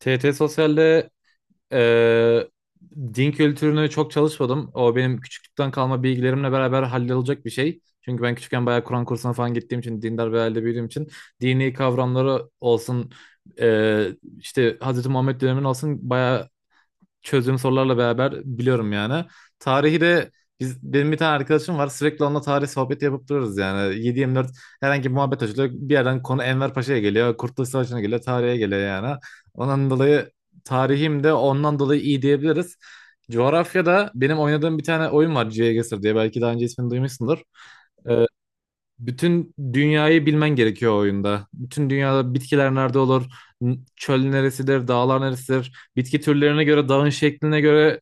TT Sosyal'de eee, din kültürünü çok çalışmadım. O benim küçüklükten kalma bilgilerimle beraber hallolacak bir şey. Çünkü ben küçükken bayağı Kur'an kursuna falan gittiğim için, dindar bir ailede büyüdüğüm için dini kavramları olsun, işte Hz. Muhammed dönemin olsun bayağı çözdüğüm sorularla beraber biliyorum yani. Tarihi de benim bir tane arkadaşım var, sürekli onunla tarih sohbeti yapıp duruyoruz yani. 7 dört herhangi bir muhabbet açılıyor. Bir yerden konu Enver Paşa'ya geliyor. Kurtuluş Savaşı'na geliyor. Tarihe geliyor yani. Ondan dolayı tarihim de ondan dolayı iyi diyebiliriz. Coğrafyada benim oynadığım bir tane oyun var, GeoGuessr diye. Belki daha önce ismini duymuşsundur. Ee, bütün dünyayı bilmen gerekiyor o oyunda. Bütün dünyada bitkiler nerede olur, çöl neresidir, dağlar neresidir, bitki türlerine göre, dağın şekline göre,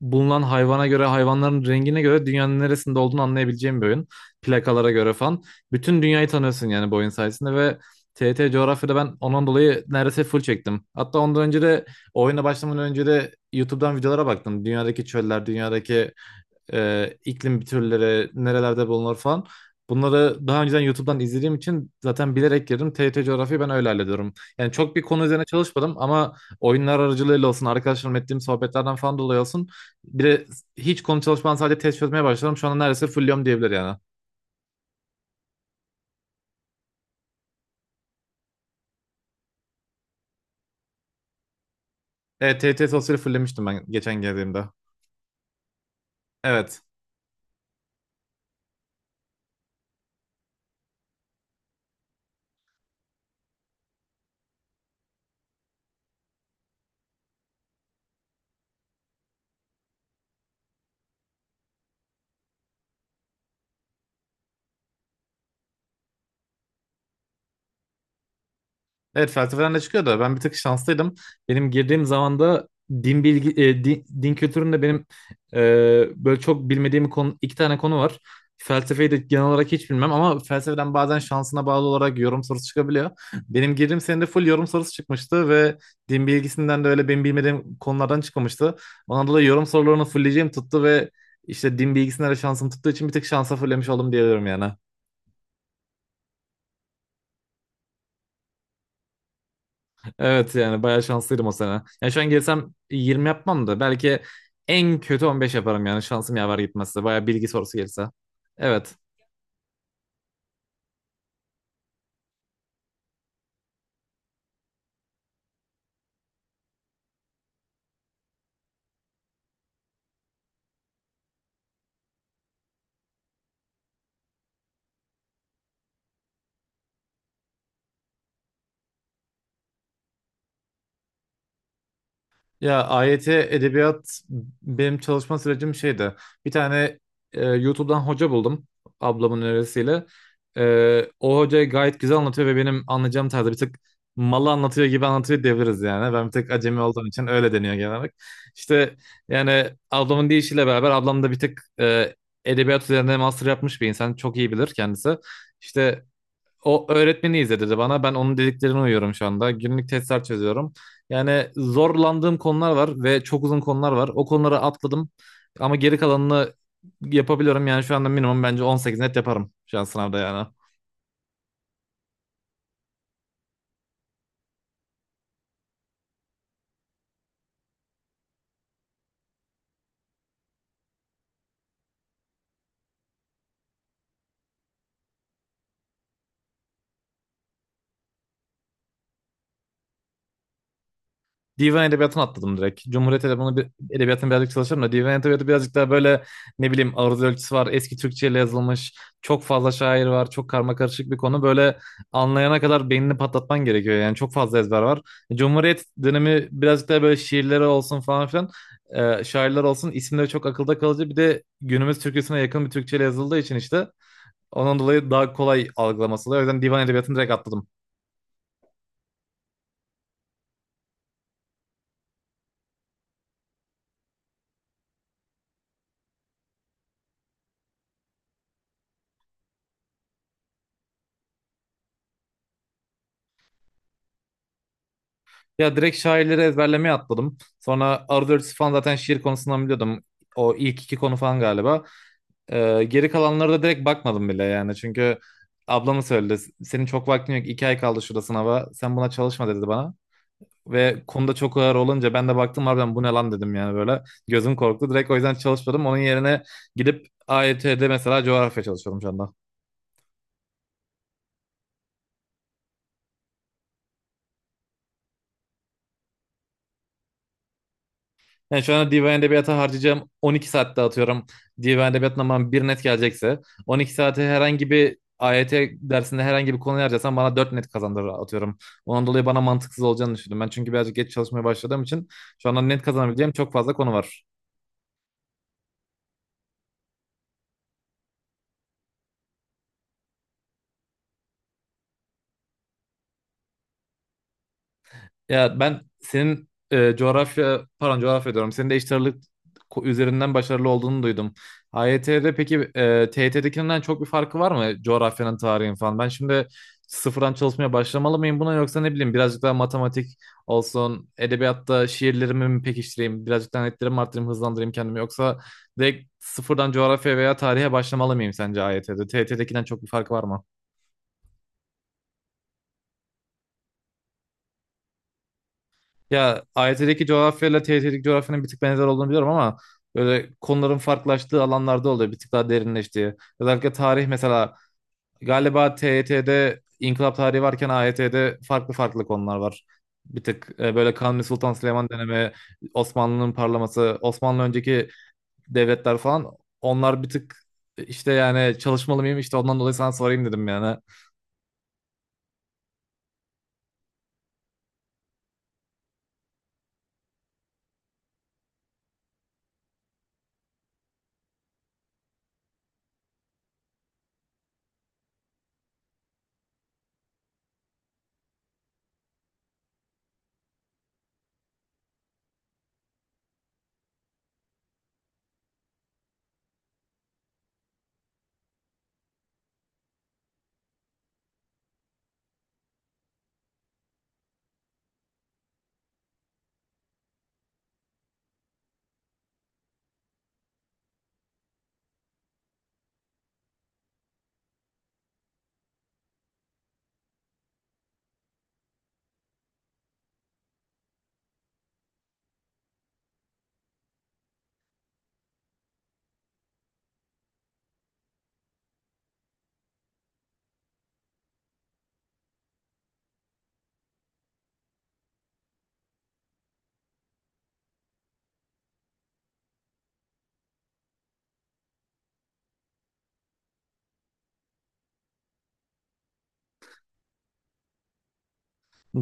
bulunan hayvana göre, hayvanların rengine göre dünyanın neresinde olduğunu anlayabileceğin bir oyun. Plakalara göre falan. Bütün dünyayı tanıyorsun yani bu oyun sayesinde ve TRT coğrafyada ben ondan dolayı neredeyse full çektim. Hatta ondan önce de oyuna başlamadan önce de YouTube'dan videolara baktım. Dünyadaki çöller, dünyadaki iklim türleri, nerelerde bulunur falan. Bunları daha önceden YouTube'dan izlediğim için zaten bilerek girdim. TRT coğrafyayı ben öyle hallediyorum. Yani çok bir konu üzerine çalışmadım ama oyunlar aracılığıyla olsun, arkadaşlarımla ettiğim sohbetlerden falan dolayı olsun. Bir de hiç konu çalışmadan sadece test çözmeye başladım. Şu anda neredeyse fulliyorum diyebilir yani. Evet, TRT sosyali fullemiştim ben geçen geldiğimde. Evet. Evet, felsefeden de çıkıyor da ben bir tık şanslıydım. Benim girdiğim zaman da din kültüründe benim e, böyle çok bilmediğim konu, iki tane konu var. Felsefeyi de genel olarak hiç bilmem ama felsefeden bazen şansına bağlı olarak yorum sorusu çıkabiliyor. Benim girdiğim senede full yorum sorusu çıkmıştı ve din bilgisinden de öyle benim bilmediğim konulardan çıkmamıştı. Ona da yorum sorularını fullleyeceğim tuttu ve işte din bilgisinden de şansım tuttuğu için bir tek şansa fullemiş oldum diyebilirim yani. Evet, yani bayağı şanslıydım o sene. Yani şu an gelsem 20 yapmam da belki en kötü 15 yaparım yani şansım yaver gitmezse. Bayağı bilgi sorusu gelirse. Evet. Ya, AYT edebiyat benim çalışma sürecim şeydi. Bir tane YouTube'dan hoca buldum ablamın önerisiyle. O hoca gayet güzel anlatıyor ve benim anlayacağım tarzda bir tık malı anlatıyor gibi anlatıyor diyebiliriz yani. Ben bir tek acemi olduğum için öyle deniyor genel olarak. İşte, yani ablamın deyişiyle beraber ablam da bir tık edebiyat üzerine master yapmış bir insan. Çok iyi bilir kendisi. İşte, o öğretmeni izledi dedi bana. Ben onun dediklerine uyuyorum şu anda. Günlük testler çözüyorum. Yani zorlandığım konular var ve çok uzun konular var. O konuları atladım ama geri kalanını yapabiliyorum. Yani şu anda minimum bence 18 net yaparım şu an sınavda yani. Divan edebiyatını atladım direkt. Cumhuriyet edebiyatını, edebiyatını birazcık çalışırım da divan edebiyatı birazcık daha böyle, ne bileyim, aruz ölçüsü var. Eski Türkçeyle yazılmış. Çok fazla şair var. Çok karma karışık bir konu. Böyle, anlayana kadar beynini patlatman gerekiyor. Yani çok fazla ezber var. Cumhuriyet dönemi birazcık daha böyle şiirleri olsun falan filan. Şairler olsun, isimleri çok akılda kalıcı. Bir de günümüz Türkçesine yakın bir Türkçeyle yazıldığı için işte. Onun dolayı daha kolay algılaması oluyor. O yüzden divan edebiyatını direkt atladım. Ya, direkt şairleri ezberlemeye atladım. Sonra Arthur falan zaten şiir konusundan biliyordum. O ilk iki konu falan galiba. Geri kalanlara da direkt bakmadım bile yani. Çünkü ablamı söyledi. Senin çok vaktin yok. 2 ay kaldı şurada sınava. Sen buna çalışma dedi bana. Ve konuda çok ağır olunca ben de baktım, harbiden bu ne lan dedim yani böyle. Gözüm korktu. Direkt o yüzden çalışmadım. Onun yerine gidip AYT'de mesela coğrafya çalışıyorum şu anda. Yani şu anda divan edebiyata harcayacağım 12 saatte atıyorum. Divan edebiyatından bana bir net gelecekse 12 saati herhangi bir AYT dersinde herhangi bir konuya harcarsam bana 4 net kazandırır atıyorum. Ondan dolayı bana mantıksız olacağını düşündüm. Ben çünkü birazcık geç çalışmaya başladığım için şu anda net kazanabileceğim çok fazla konu var. Ya, ben senin coğrafya, pardon, coğrafya diyorum. Senin de eşit ağırlık üzerinden başarılı olduğunu duydum. AYT'de peki, TYT'dekinden çok bir farkı var mı coğrafyanın, tarihin falan? Ben şimdi sıfırdan çalışmaya başlamalı mıyım buna, yoksa ne bileyim birazcık daha matematik olsun, edebiyatta şiirlerimi mi pekiştireyim, birazcık daha netlerimi arttırayım, hızlandırayım kendimi, yoksa direkt sıfırdan coğrafya veya tarihe başlamalı mıyım sence AYT'de? TYT'dekinden çok bir farkı var mı? Ya, AYT'deki coğrafyayla TYT'deki coğrafyanın bir tık benzer olduğunu biliyorum ama böyle konuların farklılaştığı alanlarda oluyor. Bir tık daha derinleştiği. Özellikle tarih mesela galiba TYT'de inkılap tarihi varken AYT'de farklı farklı konular var. Bir tık böyle Kanuni Sultan Süleyman dönemi, Osmanlı'nın parlaması, Osmanlı önceki devletler falan, onlar bir tık işte, yani çalışmalı mıyım işte, ondan dolayı sana sorayım dedim yani.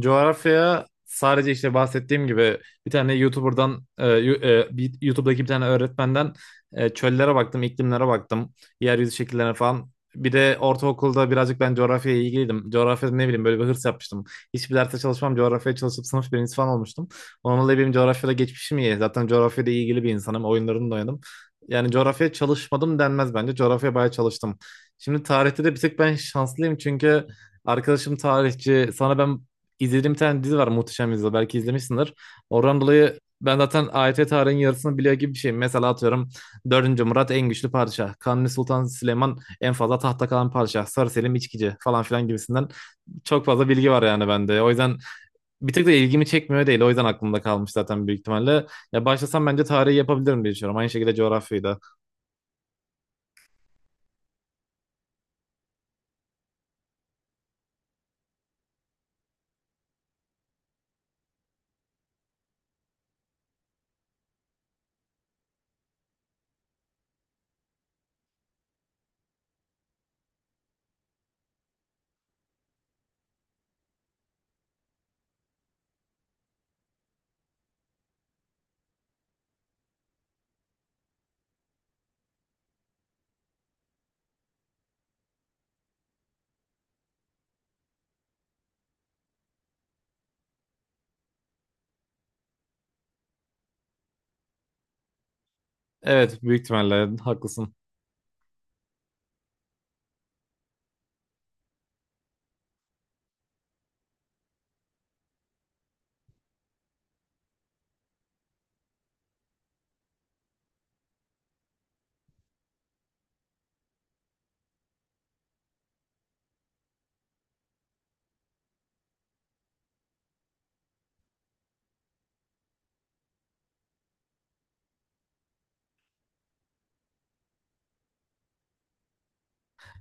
Coğrafya sadece işte bahsettiğim gibi bir tane YouTuber'dan, YouTube'daki bir tane öğretmenden çöllere baktım, iklimlere baktım, yeryüzü şekillerine falan. Bir de ortaokulda birazcık ben coğrafyaya ilgiliydim. Coğrafyada, ne bileyim, böyle bir hırs yapmıştım. Hiçbir derste çalışmam, coğrafyaya çalışıp sınıf birincisi falan olmuştum. Onunla dolayı benim coğrafyada geçmişim iyi. Zaten coğrafyada ilgili bir insanım, oyunlarını da oynadım. Yani coğrafyaya çalışmadım denmez bence. Coğrafyaya bayağı çalıştım. Şimdi tarihte de bir tık ben şanslıyım çünkü arkadaşım tarihçi. Sana ben İzlediğim bir tane dizi var, Muhteşem Yüzyıl, belki izlemişsindir. Oradan dolayı ben zaten AYT tarihinin yarısını biliyor gibi bir şeyim. Mesela atıyorum, IV. Murat en güçlü padişah. Kanuni Sultan Süleyman en fazla tahta kalan padişah. Sarı Selim içkici falan filan gibisinden çok fazla bilgi var yani bende. O yüzden bir tık da ilgimi çekmiyor değil. O yüzden aklımda kalmış zaten büyük ihtimalle. Ya başlasam bence tarihi yapabilirim diye düşünüyorum. Aynı şekilde coğrafyayı da. Evet, büyük ihtimalle haklısın.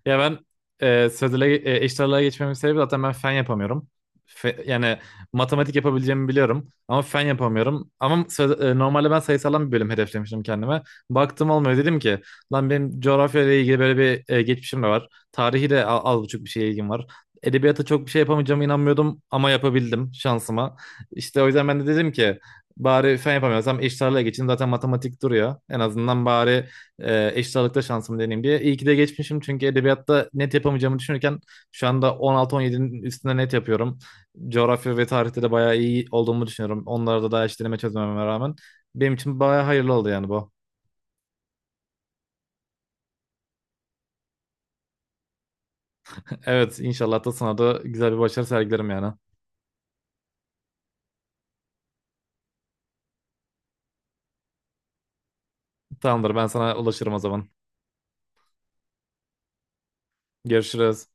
Ya ben e, sözele eşit ağırlığa geçmemin sebebi zaten ben fen yapamıyorum. Yani matematik yapabileceğimi biliyorum ama fen yapamıyorum. Ama normalde ben sayısaldan bir bölüm hedeflemiştim kendime. Baktım olmuyor, dedim ki lan benim coğrafya ile ilgili böyle bir geçmişim de var. Tarihi de az buçuk bir şeye ilgim var. Edebiyata çok bir şey yapamayacağımı inanmıyordum ama yapabildim şansıma. İşte o yüzden ben de dedim ki bari fen yapamıyorsam eşit ağırlığa geçeyim, zaten matematik duruyor. En azından bari eşit ağırlıkta şansımı deneyeyim diye. İyi ki de geçmişim çünkü edebiyatta net yapamayacağımı düşünürken şu anda 16-17'nin üstünde net yapıyorum. Coğrafya ve tarihte de bayağı iyi olduğumu düşünüyorum. Onlarda da hiç deneme çözmememe rağmen. Benim için bayağı hayırlı oldu yani bu. Evet, inşallah da sana da güzel bir başarı sergilerim yani. Tamamdır, ben sana ulaşırım o zaman. Görüşürüz.